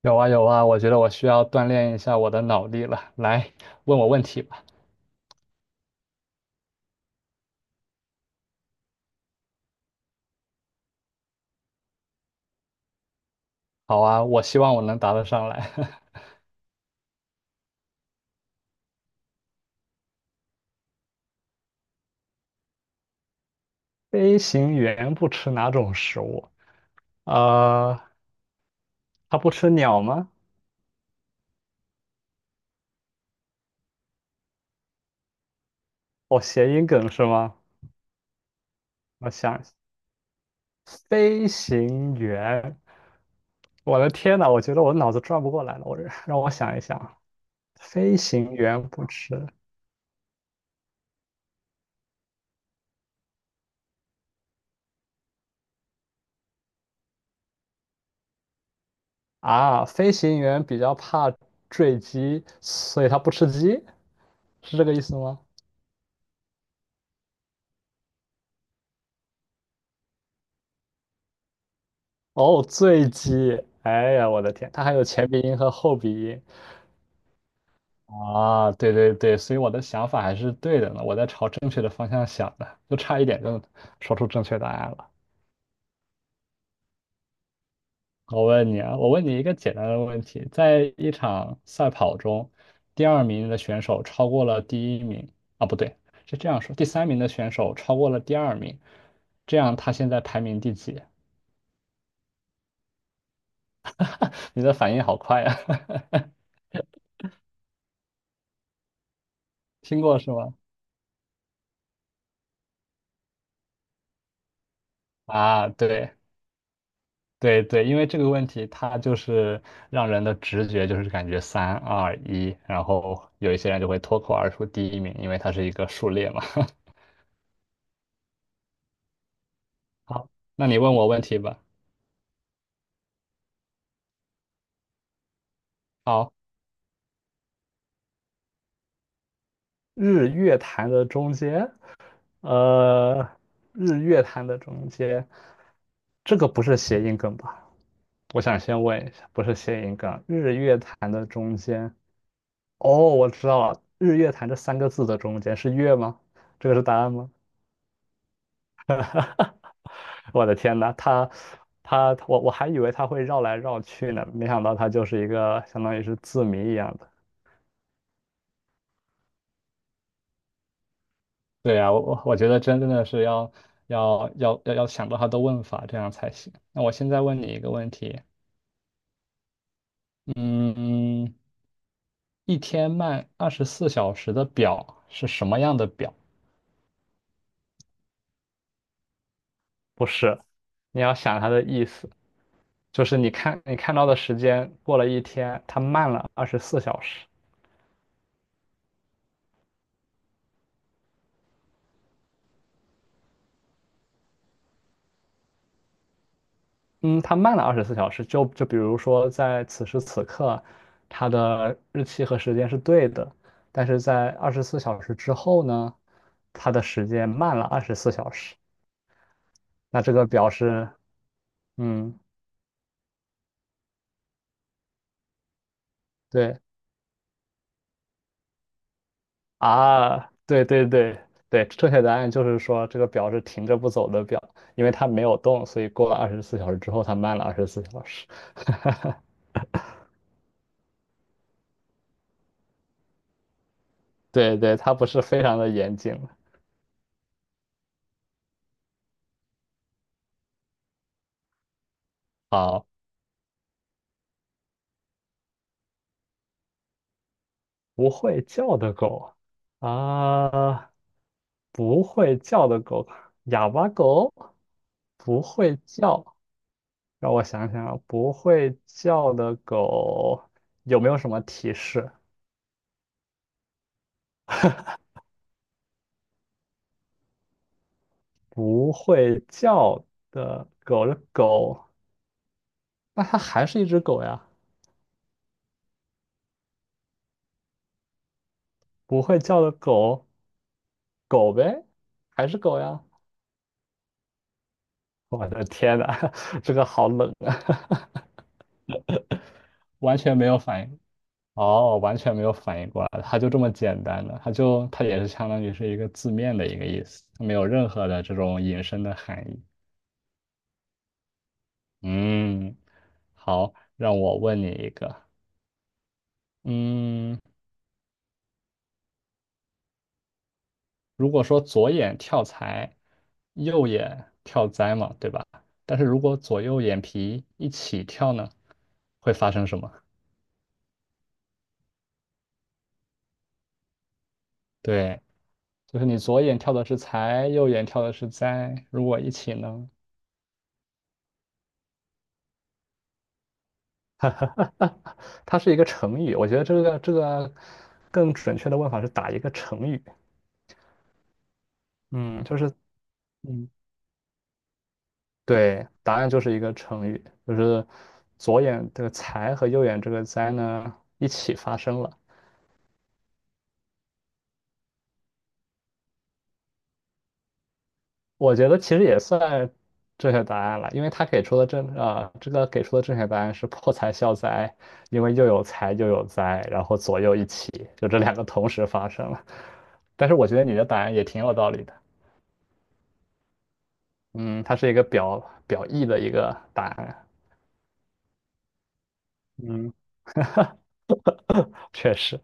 有啊有啊，我觉得我需要锻炼一下我的脑力了。来，问我问题吧。好啊，我希望我能答得上来。飞行员不吃哪种食物？呃，他不吃鸟吗？哦，谐音梗是吗？我想一下飞行员，我的天呐，我觉得我脑子转不过来了。让我想一想，飞行员不吃啊，飞行员比较怕坠机，所以他不吃鸡，是这个意思吗？哦，醉鸡，哎呀，我的天，它还有前鼻音和后鼻音啊！对对对，所以我的想法还是对的呢，我在朝正确的方向想的，就差一点就说出正确答案了。我问你一个简单的问题，在一场赛跑中，第二名的选手超过了第一名啊，不对，是这样说，第三名的选手超过了第二名，这样他现在排名第几？你的反应好快呀、听过是吗？啊，对。对对，因为这个问题，它就是让人的直觉就是感觉三二一，然后有一些人就会脱口而出第一名，因为它是一个数列嘛。好，那你问我问题吧。好，日月潭的中间，呃，日月潭的中间，这个不是谐音梗吧？我想先问一下，不是谐音梗，日月潭的中间，哦，我知道了，日月潭这三个字的中间是月吗？这个是答案吗？我的天呐，他他我我还以为他会绕来绕去呢，没想到他就是一个相当于是字谜一样的。对呀，我觉得真的是要想到它的问法，这样才行。那我现在问你一个问题，嗯，一天慢二十四小时的表是什么样的表？不是，你要想它的意思，就是你看你看到的时间过了一天，它慢了二十四小时。嗯，它慢了二十四小时，就比如说在此时此刻，它的日期和时间是对的，但是在二十四小时之后呢，它的时间慢了二十四小时。那这个表示，嗯，对啊，对对对对，正确答案就是说这个表是停着不走的表，因为它没有动，所以过了二十四小时之后，它慢了二十四小时。对对，它不是非常的严谨。好，不会叫的狗啊。不会叫的狗，哑巴狗，不会叫。让我想想啊，不会叫的狗有没有什么提示？不会叫的狗，的狗，那它还是一只狗呀？不会叫的狗，狗呗，还是狗呀？我的天呐，这个好冷啊，完全没有反应。哦，完全没有反应过来，它就这么简单的，它就它也是相当于是一个字面的一个意思，它没有任何的这种引申的含义。嗯，好，让我问你一个，嗯，如果说左眼跳财，右眼跳灾嘛，对吧？但是如果左右眼皮一起跳呢，会发生什么？对，就是你左眼跳的是财，右眼跳的是灾，如果一起呢？哈哈哈哈它是一个成语，我觉得这个更准确的问法是打一个成语。嗯就是，嗯对，答案就是一个成语，就是左眼这个财和右眼这个灾呢一起发生了。我觉得其实也算正确答案了，因为他给出的正啊、这个给出的正确答案是破财消灾，因为又有财又有灾，然后左右一起，就这两个同时发生了。但是我觉得你的答案也挺有道理的。嗯，它是一个表意的一个答案。嗯，确实，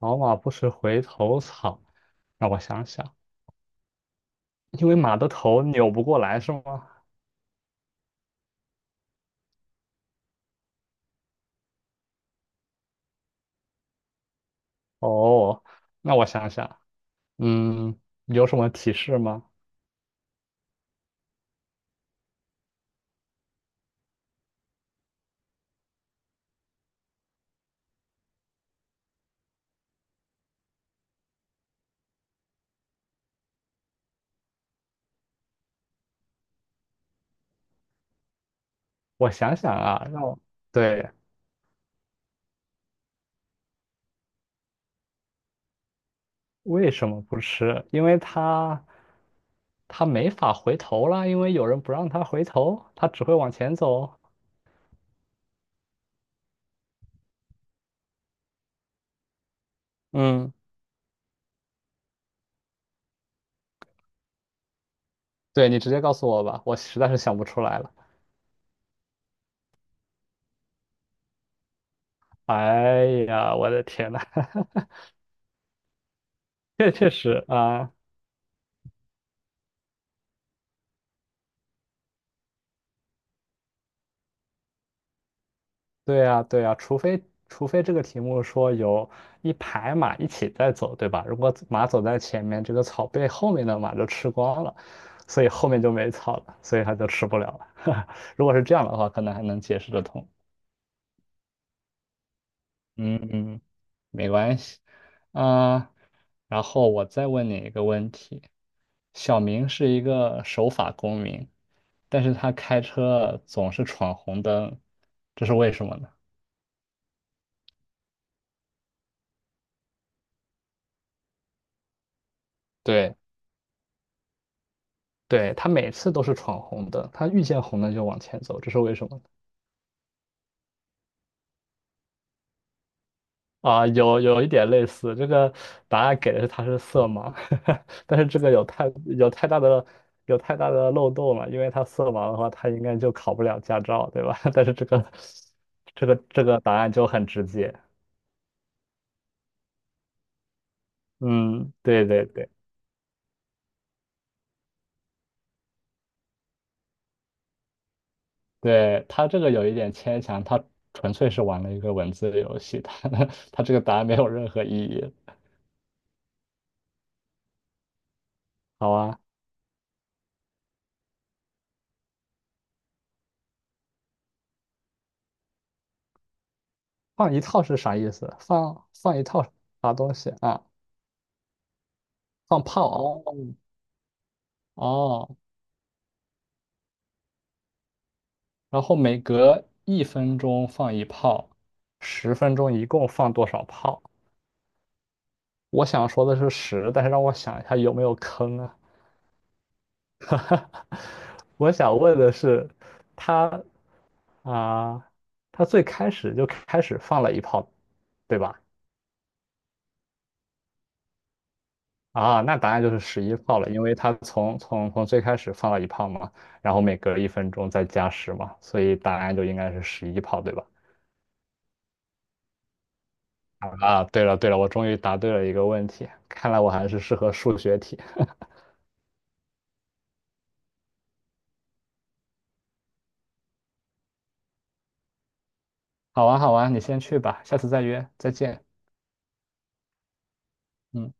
老马不吃回头草。让我想想，因为马的头扭不过来是吗？哦，那我想想，嗯，有什么提示吗？我想想啊，让我，对，为什么不吃？因为它没法回头了，因为有人不让它回头，它只会往前走。嗯，对，你直接告诉我吧，我实在是想不出来了。哎呀，我的天呐，确实啊，对呀，对呀，除非这个题目说有一排马一起在走，对吧？如果马走在前面，这个草被后面的马就吃光了，所以后面就没草了，所以它就吃不了了。如果是这样的话，可能还能解释得通。嗯嗯，没关系。啊、然后我再问你一个问题：小明是一个守法公民，但是他开车总是闯红灯，这是为什么呢？对，对，他每次都是闯红灯，他遇见红灯就往前走，这是为什么呢？啊，有有一点类似，这个答案给的是他是色盲，但是有太大的漏洞了，因为他色盲的话，他应该就考不了驾照，对吧？但是这个答案就很直接，嗯，对对对对，他这个有一点牵强，他纯粹是玩了一个文字游戏，他 他这个答案没有任何意义。好啊，放一套是啥意思？放一套啥东西啊？放炮哦，哦，然后每隔一分钟放一炮，10分钟一共放多少炮？我想说的是十，但是让我想一下有没有坑啊？我想问的是，他啊，他最开始就开始放了一炮，对吧？啊，那答案就是十一炮了，因为他从最开始放了一炮嘛，然后每隔一分钟再加十嘛，所以答案就应该是十一炮，对吧？啊，对了对了，我终于答对了一个问题，看来我还是适合数学题。好玩好玩，你先去吧，下次再约，再见。嗯。